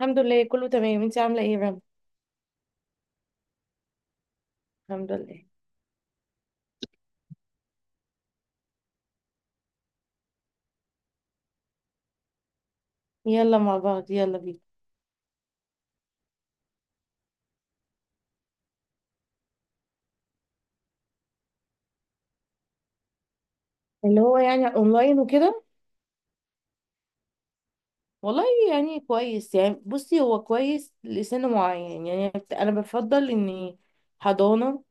الحمد لله، كله تمام. انتي عامله ايه يا رب؟ الحمد لله. يلا مع بعض، يلا بينا. اللي هو يعني اونلاين وكده؟ والله يعني كويس. يعني بصي، هو كويس لسن معين، يعني انا بفضل اني حضانه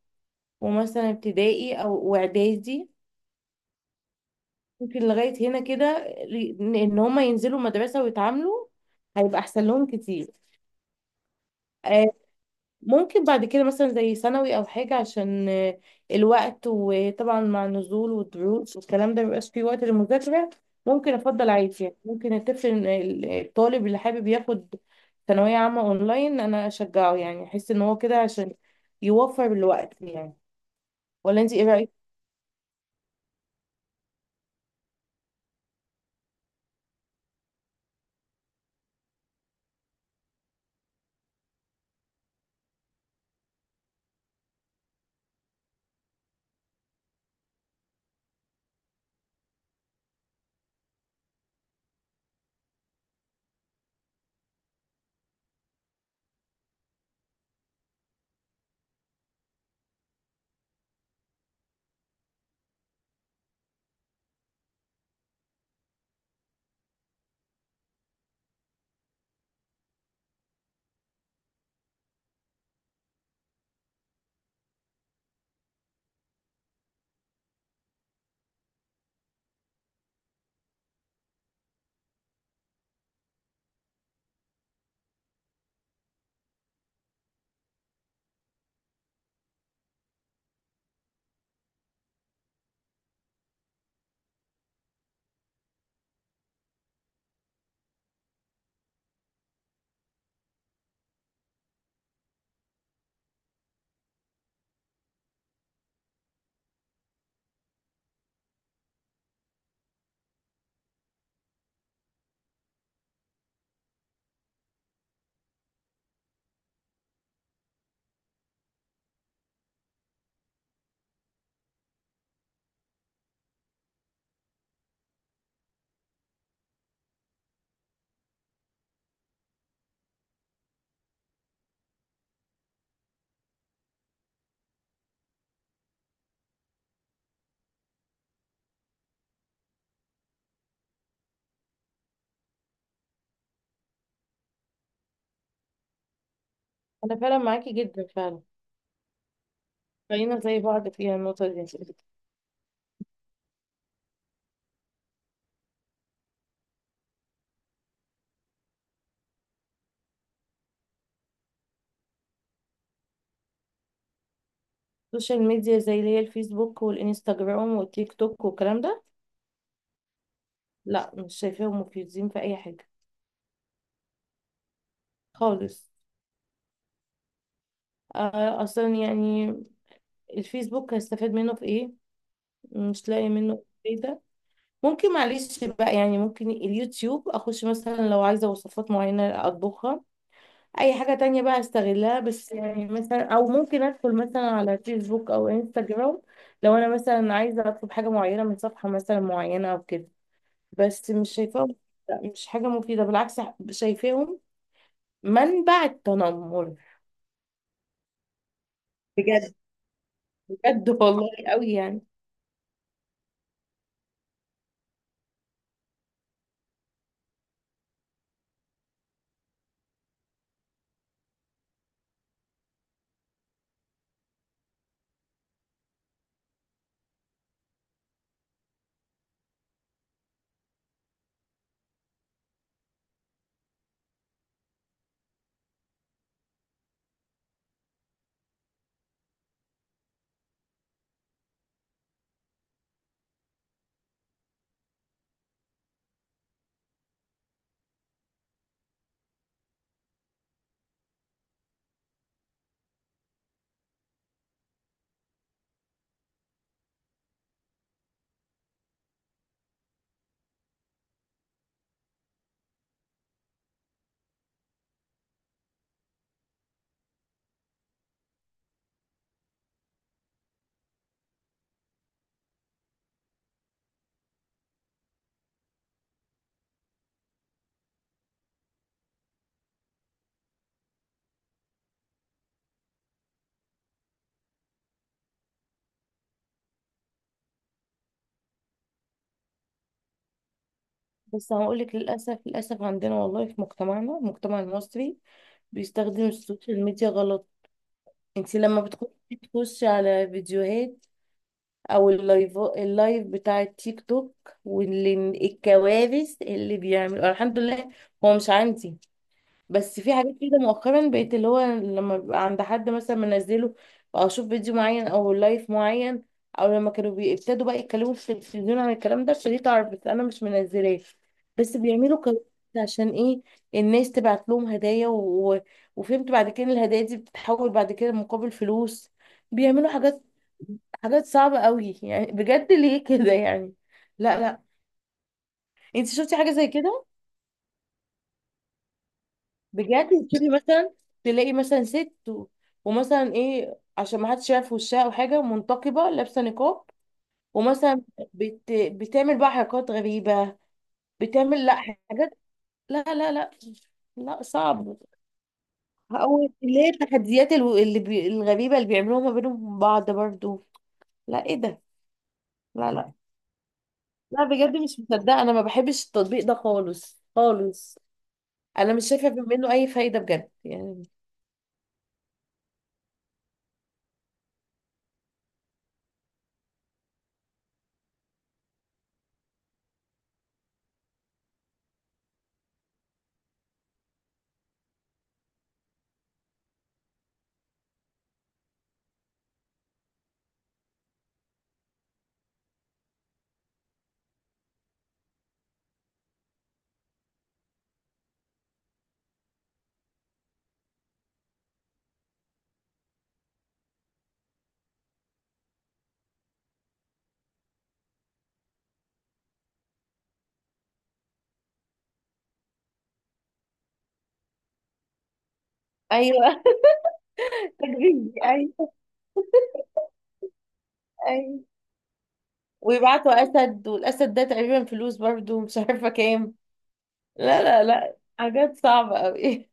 ومثلا ابتدائي او واعدادي، ممكن لغايه هنا كده. ان هم ينزلوا مدرسه ويتعاملوا، هيبقى احسن لهم كتير. آه، ممكن بعد كده مثلا زي ثانوي او حاجه، عشان الوقت. وطبعا مع النزول والدروس والكلام ده مبيبقاش فيه وقت للمذاكره. ممكن افضل عادي، يعني ممكن الطفل الطالب اللي حابب ياخد ثانويه عامه اونلاين، انا اشجعه. يعني احس ان هو كده عشان يوفر الوقت يعني. ولا انت ايه رايك؟ انا فعلا معاكي جدا، فعلا. خلينا زي بعض فيها النقطه دي. السوشيال ميديا زي اللي هي الفيسبوك والانستغرام والتيك توك والكلام ده؟ لا، مش شايفاهم مفيدين في اي حاجه خالص. اصلا يعني الفيسبوك هستفاد منه في ايه؟ مش لاقي منه فايده. ممكن معلش بقى، يعني ممكن اليوتيوب اخش مثلا لو عايزه وصفات معينه اطبخها، اي حاجه تانية بقى استغلها بس. يعني مثلا، او ممكن ادخل مثلا على فيسبوك او انستجرام لو انا مثلا عايزه اطلب حاجه معينه من صفحه مثلا معينه او كده. بس مش شايفاهم، لا، مش حاجه مفيده. بالعكس، شايفاهم منبع التنمر. بجد. بجد والله، قوي يعني. بس هقول لك، للاسف للاسف عندنا والله، في مجتمعنا المجتمع المصري بيستخدم السوشيال ميديا غلط. انت لما بتخشي، تخشي على فيديوهات او اللايف بتاع التيك توك واللي الكوارث اللي بيعملوا. الحمد لله هو مش عندي، بس في حاجات كده مؤخرا بقيت، اللي هو لما بيبقى عند حد مثلا منزله او اشوف فيديو معين او لايف معين، او لما كانوا بيبتدوا بقى يتكلموا في التلفزيون عن الكلام ده ابتديت اعرف، بس انا مش منزلاه. بس بيعملوا كده عشان ايه؟ الناس تبعت لهم هدايا، وفهمت بعد كده إن الهدايا دي بتتحول بعد كده مقابل فلوس. بيعملوا حاجات، حاجات صعبة قوي. يعني بجد ليه كده يعني؟ لا لا، انت شفتي حاجة زي كده؟ بجد تشوفي مثلا، تلاقي مثلا ست ومثلا ايه، عشان ما حدش يعرف وشها او حاجه منتقبه لابسه نقاب، ومثلا بتعمل بقى حركات غريبه، بتعمل لا حاجات، لا لا لا، لا صعب. هو اللي هي التحديات، الغريبه اللي بيعملوها ما بينهم وبين بعض برضو. لا ايه ده؟ لا لا، لا بجد مش مصدقه. انا ما بحبش التطبيق ده خالص خالص. انا مش شايفه منه اي فايده بجد يعني. ايوه. تجريبي ايوه. ايوه، ويبعتوا اسد، والاسد ده تقريبا فلوس برضو، مش عارفه كام. لا لا لا، حاجات صعبه قوي.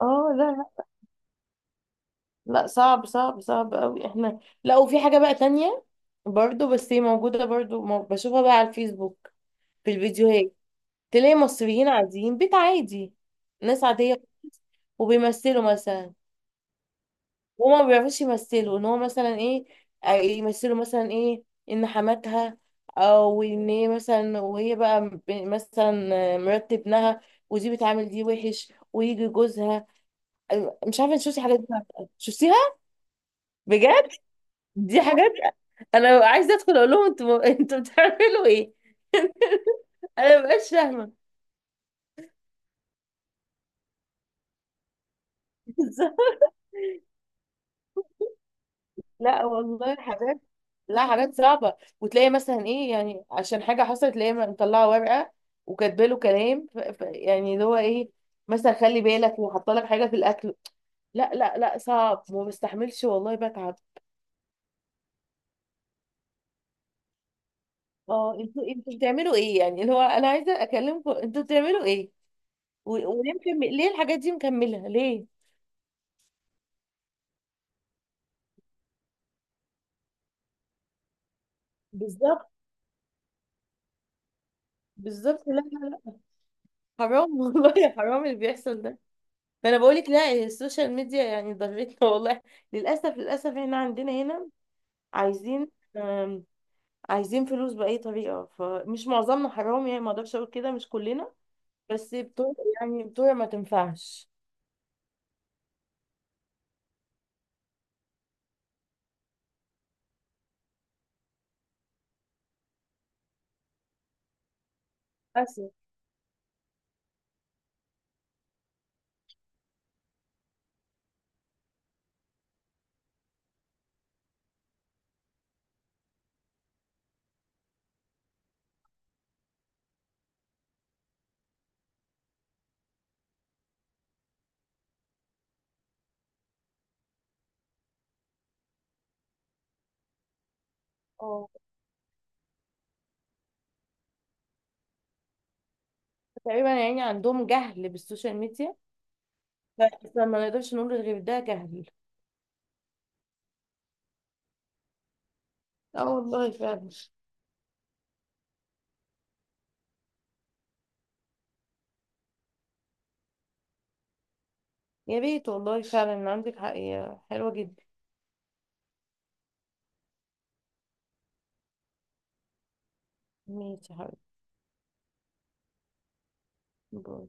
اه لا لا لا، صعب صعب صعب قوي احنا. لا وفي حاجه بقى تانية برضو، بس هي موجوده برضو، بشوفها بقى على الفيسبوك في الفيديوهات. تلاقي مصريين عاديين، بيت عادي، ناس عاديه خالص، وبيمثلوا مثلا، وهما ما بيعرفوش يمثلوا. ان هو مثلا ايه، يمثلوا مثلا ايه، ان حماتها، او ان هي مثلا وهي بقى مثلا مرات ابنها، ودي بتعامل دي وحش ويجي جوزها. أيوة، مش عارفه انت شفتي الحاجات دي ولا لأ. شفتيها؟ بجد، دي حاجات. انا عايزه ادخل اقول لهم: انتوا بتعملوا ايه؟ انا مبقاش فاهمه. لا والله حاجات، لا حاجات صعبة. وتلاقي مثلا ايه، يعني عشان حاجة حصلت تلاقيه مطلعة ورقة وكاتبه له كلام، يعني اللي هو ايه، مثلا خلي بالك، وحاطه لك حاجة في الأكل. لا لا لا، صعب ما بستحملش والله، بتعب. اه، انتوا بتعملوا ايه؟ يعني اللي هو انا عايزة اكلمكم، انتوا بتعملوا ايه؟ ليه الحاجات دي مكملة ليه؟ بالظبط بالظبط. لا لا لا، حرام والله، حرام اللي بيحصل ده. ما انا بقولك، لا السوشيال ميديا يعني ضرتنا والله. للاسف للاسف احنا عندنا هنا عايزين، آم، عايزين فلوس باي طريقه. فمش معظمنا، حرام يعني ما اقدرش اقول كده، مش كلنا، بس بتوع، يعني بتوع ما تنفعش. للاسف. اه تقريبا يعني عندهم جهل بالسوشيال ميديا، بس ما نقدرش نقول غير ده جهل. اه والله فعلا. يا ريت، والله فعلا عندك حق يا حلوة جدا. ماشي يا حبيبتي. باي.